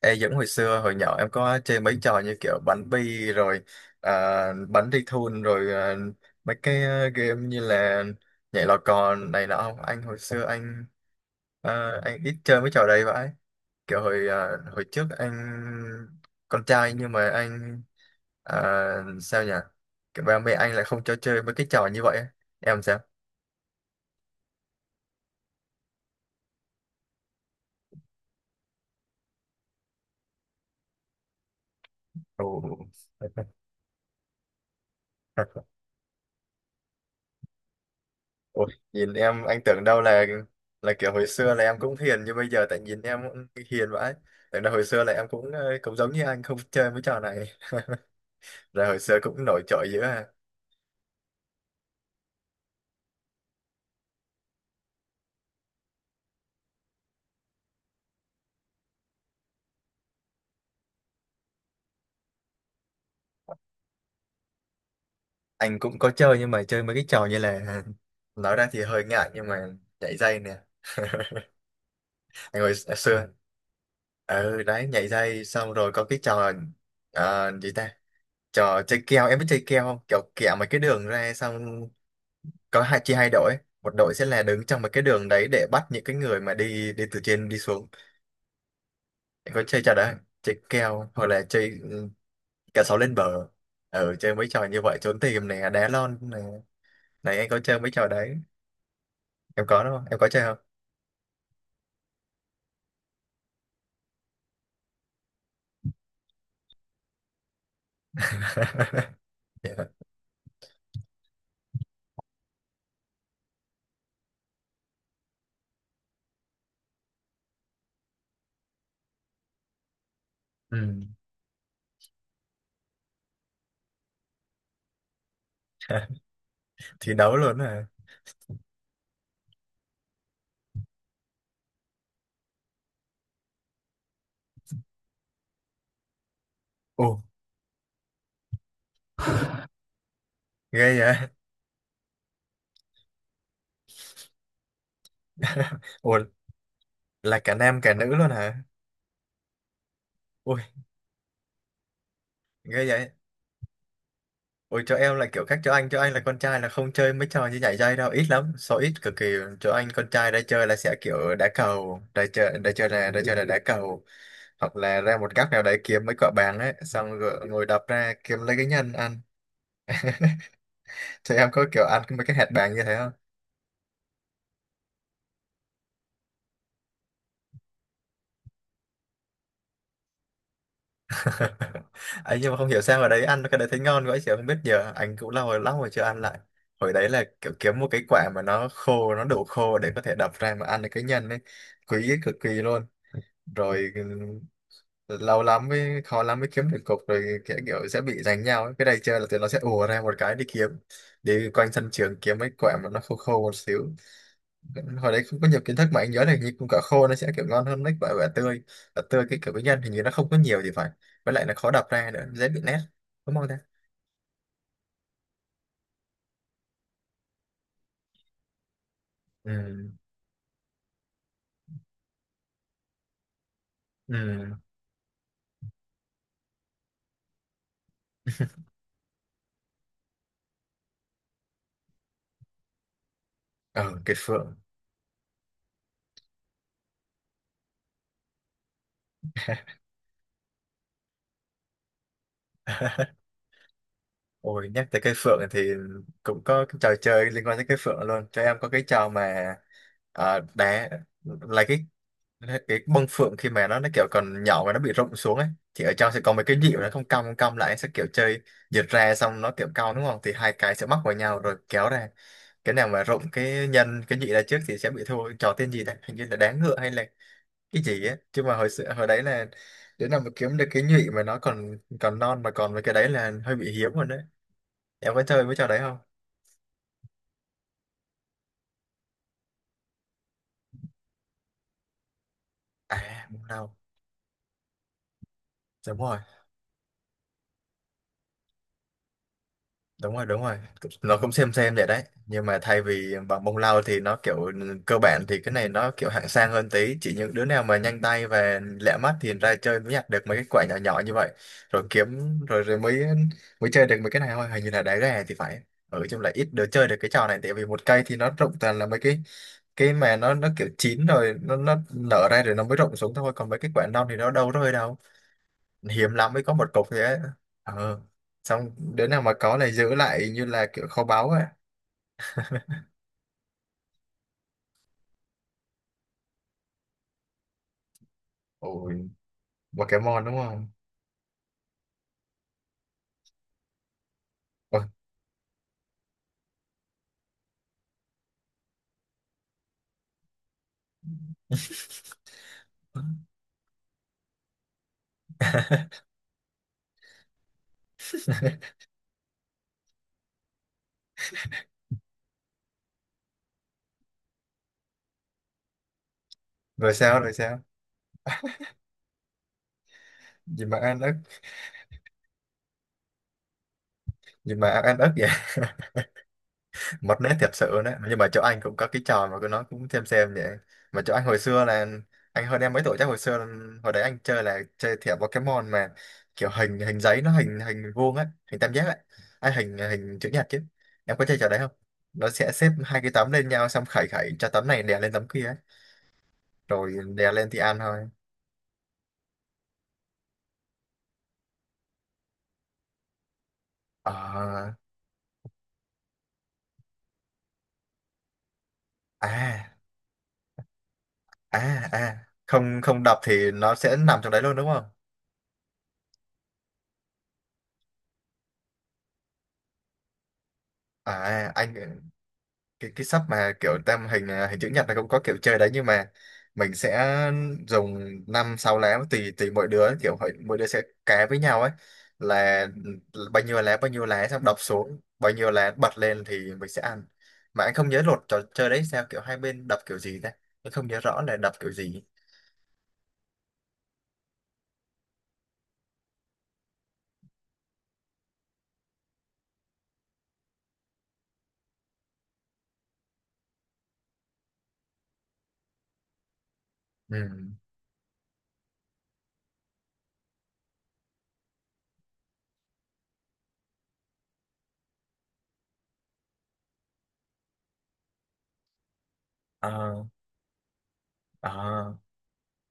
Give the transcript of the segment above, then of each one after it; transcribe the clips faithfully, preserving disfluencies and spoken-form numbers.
Ê, Dũng, hồi xưa hồi nhỏ em có chơi mấy trò như kiểu bắn bi rồi à, bắn đi thun rồi à, mấy cái ờ, game như là nhảy lò cò này nọ không? Anh hồi xưa anh ờ, anh ít chơi mấy trò đấy vậy. Kiểu hồi ờ, hồi trước anh con trai nhưng mà anh, ờ, sao nhỉ, kiểu ba mẹ anh lại không cho chơi mấy cái trò như vậy á. Em sao? Ồ. Ủa, nhìn em anh tưởng đâu là là kiểu hồi xưa là em cũng hiền như bây giờ, tại nhìn em cũng hiền vãi, tưởng đâu hồi xưa là em cũng ờ, cũng giống như anh không chơi mấy trò này. Rồi hồi xưa cũng nổi trội dữ à? Anh cũng có chơi nhưng mà chơi mấy cái trò như là nói ra thì hơi ngại nhưng mà nhảy dây nè. Anh hồi xưa, ừ đấy, nhảy dây xong rồi có cái trò, ờ, gì ta, trò chơi keo. Em biết chơi keo không, kiểu kẹo mấy cái đường ra xong có hai, chia hai đội, một đội sẽ là đứng trong một cái đường đấy để bắt những cái người mà đi đi từ trên đi xuống. Em có chơi trò đấy, chơi kèo hoặc là chơi, ừ, cả sáu lên bờ. Ừ, chơi mấy trò như vậy, trốn tìm này, đá lon này này anh có chơi mấy trò đấy. Em có đúng không, em có chơi không? Dạ. Ừ. Thi đấu luôn hả? Ồ. Ghê vậy. Ồ. Là cả nam cả nữ luôn hả? Ui. Ghê vậy. Ôi chỗ em lại kiểu khác chỗ anh, chỗ anh là con trai là không chơi mấy trò như nhảy dây đâu, ít lắm, số ít cực kỳ. Chỗ anh con trai đã chơi là sẽ kiểu đá cầu, đã chơi đã chơi là đã chơi là đá cầu, hoặc là ra một góc nào đấy kiếm mấy quả bàng ấy, xong rồi ngồi đập ra kiếm lấy cái nhân ăn. Chỗ em có kiểu ăn mấy cái hạt bàng như thế không? Ấy nhưng mà không hiểu sao ở đấy ăn cái đấy thấy ngon quá, chị không biết, giờ anh cũng lâu rồi lắm rồi chưa ăn lại. Hồi đấy là kiểu kiếm một cái quả mà nó khô, nó đủ khô để có thể đập ra mà ăn được cái nhân ấy, quý cực kỳ luôn. Rồi lâu lắm mới, khó lắm mới kiếm được cục rồi, kiểu, kiểu sẽ bị giành nhau ấy. Cái này chơi là tụi nó sẽ ùa ra một cái đi kiếm, đi quanh sân trường kiếm mấy quả mà nó khô khô một xíu. Hồi đấy không có nhiều kiến thức, mà anh nhớ là hình như cũng quả khô nó sẽ kiểu ngon hơn mấy quả quả tươi quả tươi cái kiểu cái nhân hình như nó không có nhiều thì phải, với lại là khó đập ra nữa, dễ bị nét, đúng không ta? Ừ. Ừ. Ờ, cây phượng. Ôi nhắc tới cây phượng thì cũng có cái trò chơi liên quan tới cây phượng luôn, cho em, có cái trò mà ờ, đá, là cái, đấy, cái bông phượng khi mà nó nó kiểu còn nhỏ và nó bị rụng xuống ấy, thì ở trong sẽ có mấy cái nhịp nó không cong, không cong lại sẽ kiểu chơi giật ra, xong nó kiểu cong đúng không, thì hai cái sẽ mắc vào nhau rồi kéo ra, cái nào mà rụng cái nhân cái nhị ra trước thì sẽ bị thua. Trò tên gì đấy, hình như là đáng ngựa hay là cái gì ấy chứ, mà hồi xưa hồi đấy là đến nào mà kiếm được cái nhị mà nó còn còn non mà còn, với cái đấy là hơi bị hiếm rồi đấy. Em có chơi với trò đấy không? À không đâu. Đúng rồi, đúng rồi, đúng rồi. Nó cũng xem xem vậy đấy nhưng mà thay vì bằng bông lau thì nó kiểu, ừ, cơ bản thì cái này nó kiểu hạng sang hơn tí, chỉ những đứa nào mà nhanh tay và lẹ mắt thì ra chơi mới nhặt được mấy cái quả nhỏ nhỏ như vậy, rồi kiếm rồi rồi mới mới chơi được mấy cái này thôi, hình như là đá gà thì phải. Ở trong là ít đứa chơi được cái trò này, tại vì một cây thì nó rụng toàn là mấy cái cái mà nó nó kiểu chín rồi, nó nó nở ra rồi nó mới rụng xuống thôi, còn mấy cái quả non thì nó đâu rơi đâu, hiếm lắm mới có một cục thế. Ờ, xong đứa nào mà có này giữ lại như là kiểu kho báu ấy. Ôi Pokemon đúng không? Ôi. Rồi sao, rồi sao? Gì mà ăn ức, gì mà ăn ức vậy. Mật nét thiệt sự đấy, nhưng mà chỗ anh cũng có cái trò mà cứ, nó cũng xem xem vậy. Mà chỗ anh hồi xưa là anh hơn em mấy tuổi chắc, hồi xưa hồi đấy anh chơi là chơi thẻ Pokemon mà, kiểu hình hình giấy, nó hình hình vuông á, hình tam giác ấy. À, hình hình chữ nhật chứ. Em có chơi trò đấy không? Nó sẽ xếp hai cái tấm lên nhau xong khẩy khẩy cho tấm này đè lên tấm kia ấy, rồi đè lên thì ăn thôi. Ờ. À à à, không không đập thì nó sẽ nằm trong đấy luôn đúng không? À anh, cái cái sắp mà kiểu tam hình à, hình chữ nhật là cũng có kiểu chơi đấy nhưng mà mình sẽ dùng năm sáu lá, tùy tùy mỗi đứa, kiểu hỏi- mỗi đứa sẽ cá với nhau ấy là, ừ, bao nhiêu lá, bao nhiêu lá, xong đọc xuống bao nhiêu lá bật lên thì mình sẽ ăn. Mà anh không nhớ luật trò chơi đấy sao, kiểu hai bên đập kiểu gì ta? Anh không nhớ rõ là đập kiểu gì. Ừ. Ờ. Ờ.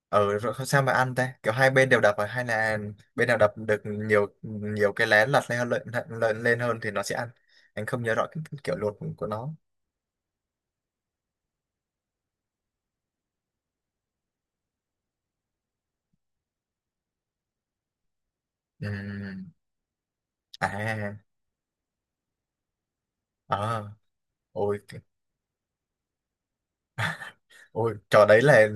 Ừ rồi sao mà ăn ta, kiểu hai bên đều đập à? Hay là bên nào đập được nhiều, nhiều cái lá lật lên hơn lên, lên, lên hơn thì nó sẽ ăn. Anh không nhớ rõ cái, cái kiểu luật của nó. Ừm. À. Ờ. Ôi. Ôi, trò đấy là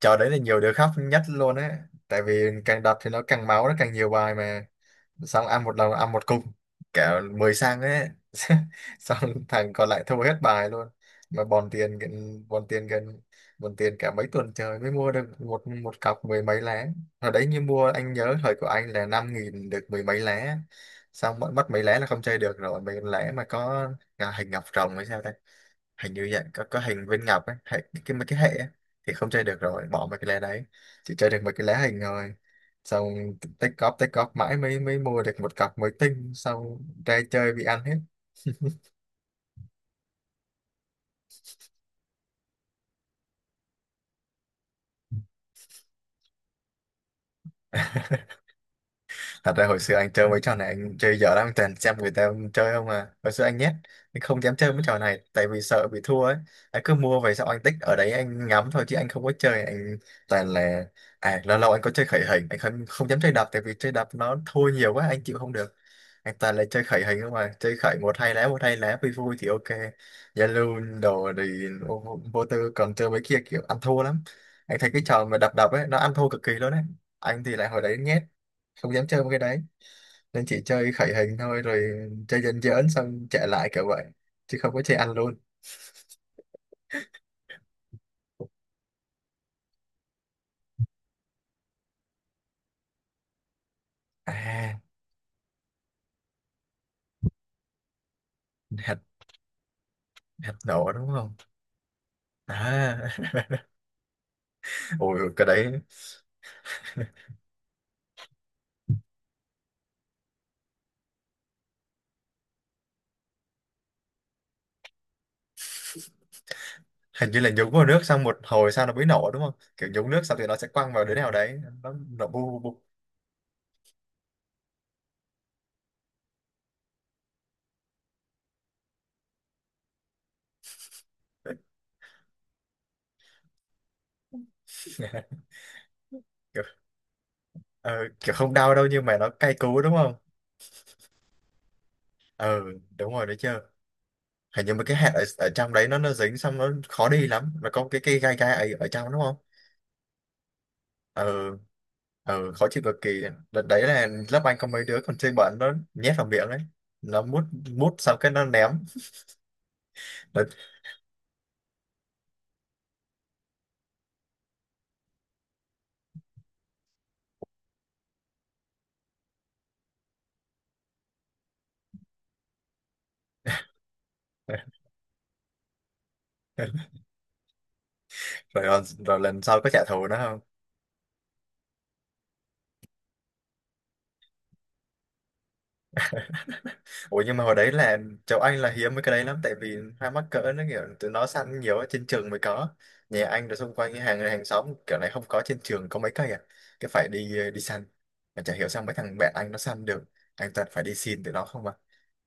trò đấy là nhiều đứa khóc nhất luôn á, tại vì càng đập thì nó càng máu, nó càng nhiều bài mà, xong ăn một lần ăn một cục cả mười sang ấy. Xong thằng còn lại thua hết bài luôn, mà bòn tiền gần- bòn tiền gần bòn tiền cả mấy tuần trời mới mua được một một cọc mười mấy lá. Hồi đấy như mua, anh nhớ thời của anh là năm nghìn được mười mấy lá, xong mất mất mấy lá là không chơi được rồi, mấy lá mà có à, hình ngọc rồng hay sao ta, hình như vậy có có hình viên Ngọc ấy hệ, cái mấy cái hệ ấy, thì không chơi được rồi, bỏ mấy cái lá đấy, chỉ chơi được mấy cái lá hình rồi. Xong tích góp tích góp mãi mới mới mua được một cặp mới tinh xong ra chơi bị ăn hết. Thật ra hồi xưa anh chơi mấy trò này anh chơi dở lắm, toàn xem người ta chơi không à, hồi xưa anh nhét, anh không dám chơi mấy trò này tại vì sợ bị thua ấy. Anh cứ mua về xong anh tích ở đấy anh ngắm thôi chứ anh không có chơi, anh toàn là, à lâu lâu anh có chơi khởi hình, anh không không dám chơi đập, tại vì chơi đập nó thua nhiều quá anh chịu không được. Anh toàn là chơi khởi hình không à, chơi khởi một hai lá, một hai lá vui vui thì ok. Zalo đồ thì vô, vô vô tư, còn chơi mấy kia kiểu ăn thua lắm. Anh thấy cái trò mà đập đập ấy nó ăn thua cực kỳ luôn đấy. Anh thì lại hồi đấy nhét, không dám chơi mấy cái đấy, nên chỉ chơi khởi hình thôi, rồi chơi dần dần xong chạy lại kiểu vậy, chứ không có chơi ăn luôn. À hạt, hạt nổ đúng không? À. Ôi ôi, cái đấy hình như là nhúng vào nước xong một hồi sau nó mới nổ đúng không, kiểu nhúng nước xong thì nó sẽ quăng vào đứa nào đấy nó nổ bu bu bu. Kiểu, ờ, kiểu không đau đâu nhưng mà nó cay cú đúng không. Ờ. Đúng rồi đấy chưa, hình như mấy cái hạt ở, ở trong đấy nó nó dính xong nó khó đi lắm, mà có cái cây gai gai ấy ở trong đúng không. Ừ. Ừ, khó chịu cực kỳ. Đợt đấy là lớp anh có mấy đứa còn chơi bẩn, nó nhét vào miệng ấy, nó mút, mút xong cái nó ném. Rồi, rồi, rồi, rồi lần sau có trả thù nó không? Ủa nhưng mà hồi đấy là cháu anh là hiếm mấy cái đấy lắm, tại vì hai mắc cỡ nó kiểu tụi nó săn nhiều, ở trên trường mới có, nhà anh rồi xung quanh cái hàng hàng xóm kiểu này không có, trên trường có mấy cây à, cái phải đi đi săn, mà chả hiểu sao mấy thằng bạn anh nó săn được, anh toàn phải đi xin tụi nó không mà,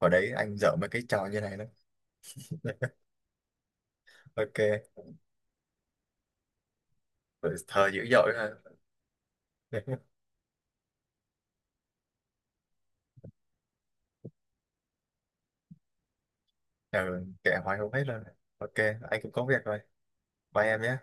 hồi đấy anh dở mấy cái trò như này lắm. Ok. Ừ, Thơ dữ dội ha. Ừ, kệ hoài không hết rồi. Ok, anh cũng có việc rồi. Bye em nhé.